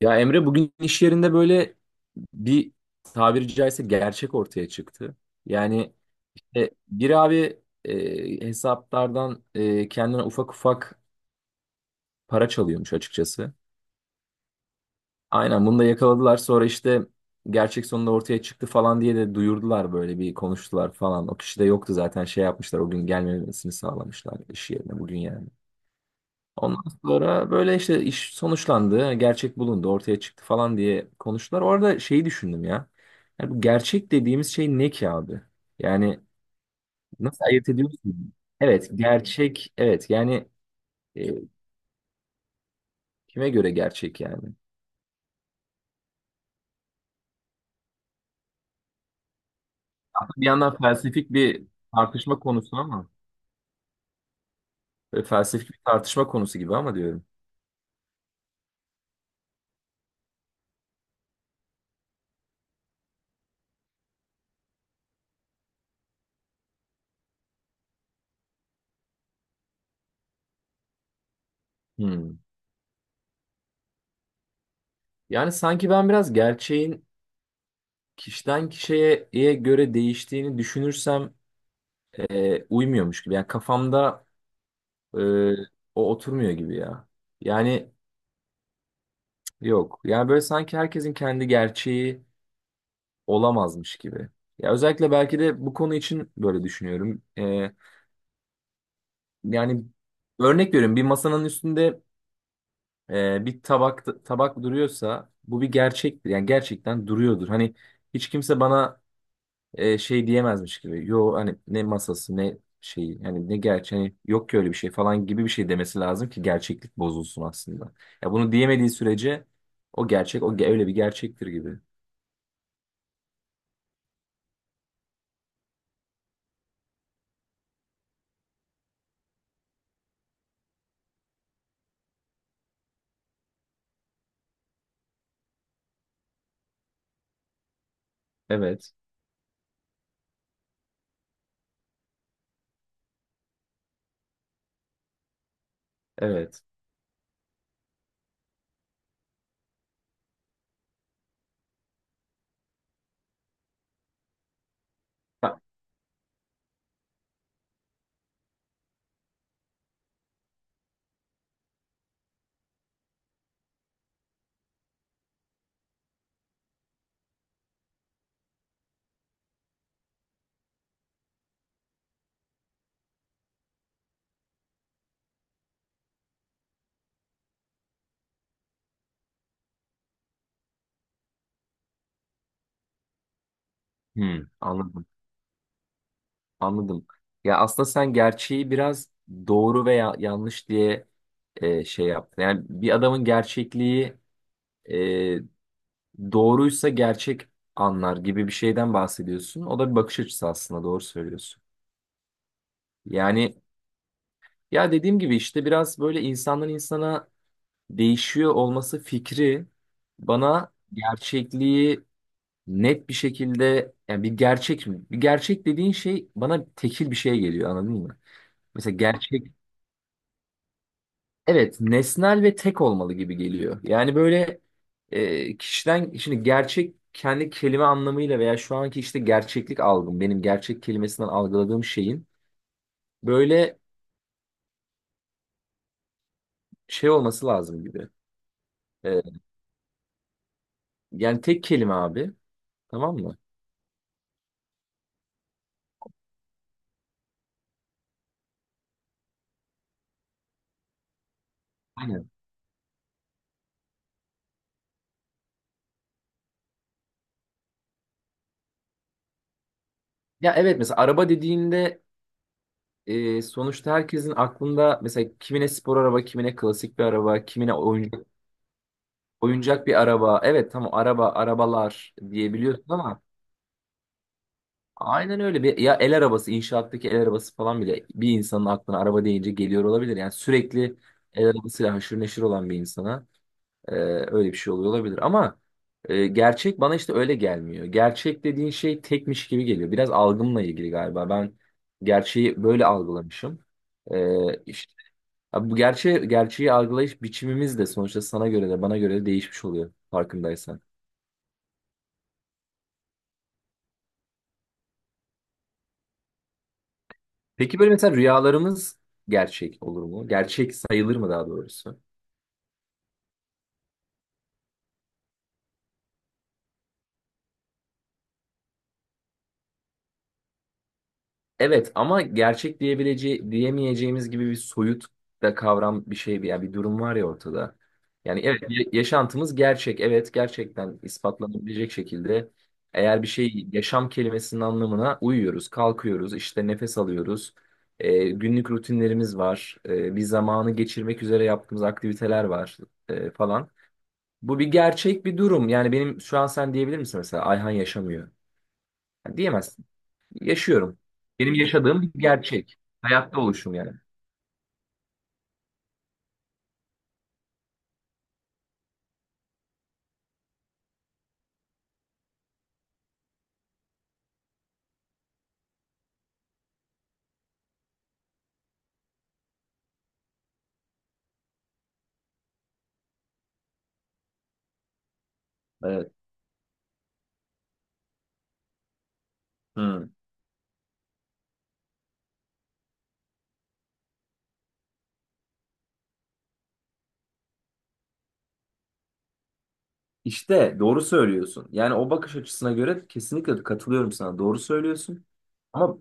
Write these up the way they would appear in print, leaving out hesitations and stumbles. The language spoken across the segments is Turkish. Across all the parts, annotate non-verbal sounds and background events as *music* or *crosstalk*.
Ya Emre bugün iş yerinde böyle bir tabiri caizse gerçek ortaya çıktı. Yani e, bir abi hesaplardan kendine ufak ufak para çalıyormuş açıkçası. Aynen bunu da yakaladılar, sonra işte gerçek sonunda ortaya çıktı falan diye de duyurdular, böyle bir konuştular falan. O kişi de yoktu zaten, şey yapmışlar, o gün gelmemesini sağlamışlar iş yerine bugün yani. Ondan sonra böyle işte iş sonuçlandı, gerçek bulundu, ortaya çıktı falan diye konuştular. Orada şeyi düşündüm ya. Yani bu gerçek dediğimiz şey ne ki abi? Yani nasıl ayırt ediyoruz ki? Evet, gerçek, evet. Yani e, kime göre gerçek yani? Aslında bir yandan felsefik bir tartışma konusu, ama böyle felsefik bir tartışma konusu gibi ama diyorum. Hmm. Yani sanki ben biraz gerçeğin kişiden kişiye göre değiştiğini düşünürsem uymuyormuş gibi. Yani kafamda Ee, o oturmuyor gibi ya. Yani yok. Yani böyle sanki herkesin kendi gerçeği olamazmış gibi. Ya özellikle belki de bu konu için böyle düşünüyorum. Yani örnek veriyorum, bir masanın üstünde bir tabak duruyorsa bu bir gerçektir. Yani gerçekten duruyordur. Hani hiç kimse bana şey diyemezmiş gibi. Yo, hani ne masası ne şeyi, hani ne gerçeği, hani yok ki öyle bir şey falan gibi bir şey demesi lazım ki gerçeklik bozulsun aslında. Ya bunu diyemediği sürece o öyle bir gerçektir gibi. Evet. Evet. Ha, hmm, anladım. Anladım. Ya aslında sen gerçeği biraz doğru veya yanlış diye şey yaptın. Yani bir adamın gerçekliği e, doğruysa gerçek anlar gibi bir şeyden bahsediyorsun. O da bir bakış açısı, aslında doğru söylüyorsun. Yani Ya dediğim gibi işte biraz böyle insandan insana değişiyor olması fikri bana gerçekliği net bir şekilde, yani bir gerçek mi? Bir gerçek dediğin şey bana tekil bir şey geliyor, anladın mı? Mesela gerçek, evet, nesnel ve tek olmalı gibi geliyor. Yani böyle kişiden şimdi gerçek kendi kelime anlamıyla veya şu anki işte gerçeklik algım, benim gerçek kelimesinden algıladığım şeyin böyle şey olması lazım gibi. E, yani tek kelime abi, tamam mı? Aynen. Ya evet, mesela araba dediğinde sonuçta herkesin aklında mesela kimine spor araba, kimine klasik bir araba, kimine oyuncak, oyuncak bir araba. Evet, tamam, araba, arabalar diyebiliyorsun ama aynen öyle, bir ya el arabası, inşaattaki el arabası falan bile bir insanın aklına araba deyince geliyor olabilir. Yani sürekli el arabasıyla haşır neşir olan bir insana. Ee, öyle bir şey oluyor olabilir ama gerçek bana işte öyle gelmiyor. Gerçek dediğin şey tekmiş gibi geliyor. Biraz algımla ilgili galiba. Ben gerçeği böyle algılamışım. İşte, abi bu gerçeği algılayış biçimimiz de sonuçta sana göre de bana göre de değişmiş oluyor, farkındaysan. Peki böyle mesela rüyalarımız gerçek olur mu? Gerçek sayılır mı daha doğrusu? Evet ama gerçek diyebileceği diyemeyeceğimiz gibi bir soyut da kavram, bir şey, bir yani bir durum var ya ortada. Yani evet, yaşantımız gerçek, evet, gerçekten ispatlanabilecek şekilde eğer bir şey, yaşam kelimesinin anlamına uyuyoruz, kalkıyoruz, işte nefes alıyoruz. Günlük rutinlerimiz var. Bir zamanı geçirmek üzere yaptığımız aktiviteler var falan. Bu bir gerçek bir durum. Yani benim şu an, sen diyebilir misin mesela Ayhan yaşamıyor. Yani diyemezsin. Yaşıyorum. Benim yaşadığım bir gerçek. Hayatta oluşum yani. Evet. Hmm. İşte doğru söylüyorsun. Yani o bakış açısına göre kesinlikle katılıyorum sana. Doğru söylüyorsun. Ama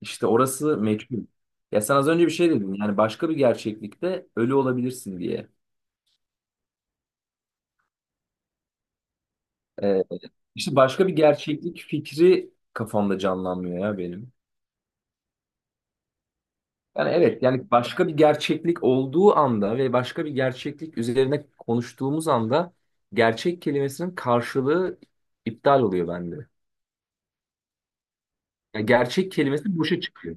işte orası meçhul. Ya sen az önce bir şey dedin. Yani başka bir gerçeklikte ölü olabilirsin diye. Ee, işte başka bir gerçeklik fikri kafamda canlanmıyor ya benim. Yani evet, yani başka bir gerçeklik olduğu anda ve başka bir gerçeklik üzerine konuştuğumuz anda gerçek kelimesinin karşılığı iptal oluyor bende. Yani gerçek kelimesi boşa çıkıyor.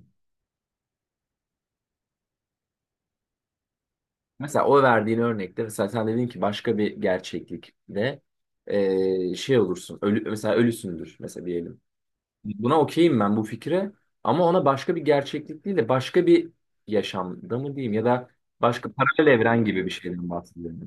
Mesela o verdiğin örnekte, mesela sen dedin ki başka bir gerçeklikte şey olursun, ölü, mesela ölüsündür mesela diyelim. Buna okeyim ben, bu fikre, ama ona başka bir gerçeklik değil de başka bir yaşamda mı diyeyim ya da başka paralel evren gibi bir şeyden bahsediyorum.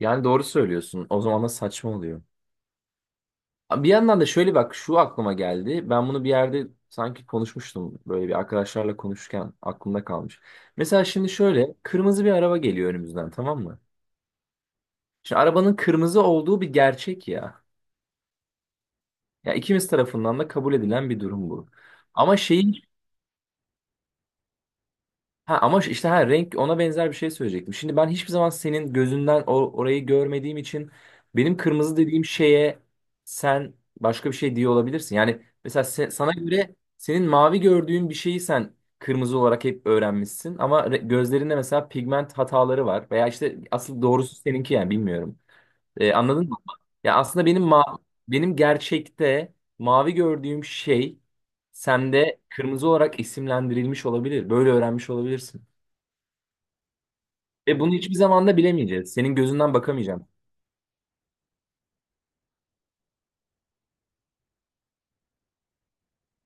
Yani doğru söylüyorsun. O zaman da saçma oluyor. Bir yandan da şöyle bak, şu aklıma geldi. Ben bunu bir yerde sanki konuşmuştum. Böyle bir arkadaşlarla konuşurken aklımda kalmış. Mesela şimdi şöyle kırmızı bir araba geliyor önümüzden, tamam mı? Şimdi arabanın kırmızı olduğu bir gerçek ya. Ya ikimiz tarafından da kabul edilen bir durum bu. Ama şeyi Ha ama işte, ha renk, ona benzer bir şey söyleyecektim. Şimdi ben hiçbir zaman senin gözünden orayı görmediğim için benim kırmızı dediğim şeye sen başka bir şey diye olabilirsin. Yani mesela sana göre, senin mavi gördüğün bir şeyi sen kırmızı olarak hep öğrenmişsin ama gözlerinde mesela pigment hataları var veya işte asıl doğrusu seninki, yani bilmiyorum. Anladın mı? Ya aslında benim ma Benim gerçekte mavi gördüğüm şey sende kırmızı olarak isimlendirilmiş olabilir. Böyle öğrenmiş olabilirsin. Ve bunu hiçbir zaman da bilemeyeceğiz. Senin gözünden bakamayacağım.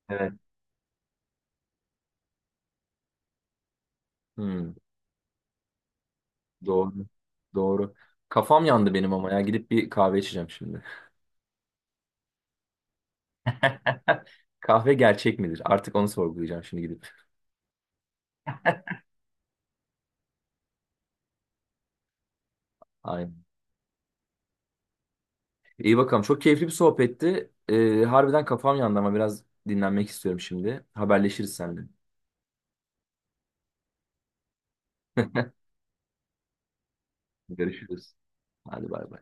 Evet. Hmm, doğru. Doğru. Kafam yandı benim ama ya. Gidip bir kahve içeceğim şimdi. *laughs* Kahve gerçek midir? Artık onu sorgulayacağım şimdi gidip. Aynen. İyi bakalım. Çok keyifli bir sohbetti. Harbiden kafam yandı ama biraz dinlenmek istiyorum şimdi. Haberleşiriz seninle. Görüşürüz. Hadi bay bay.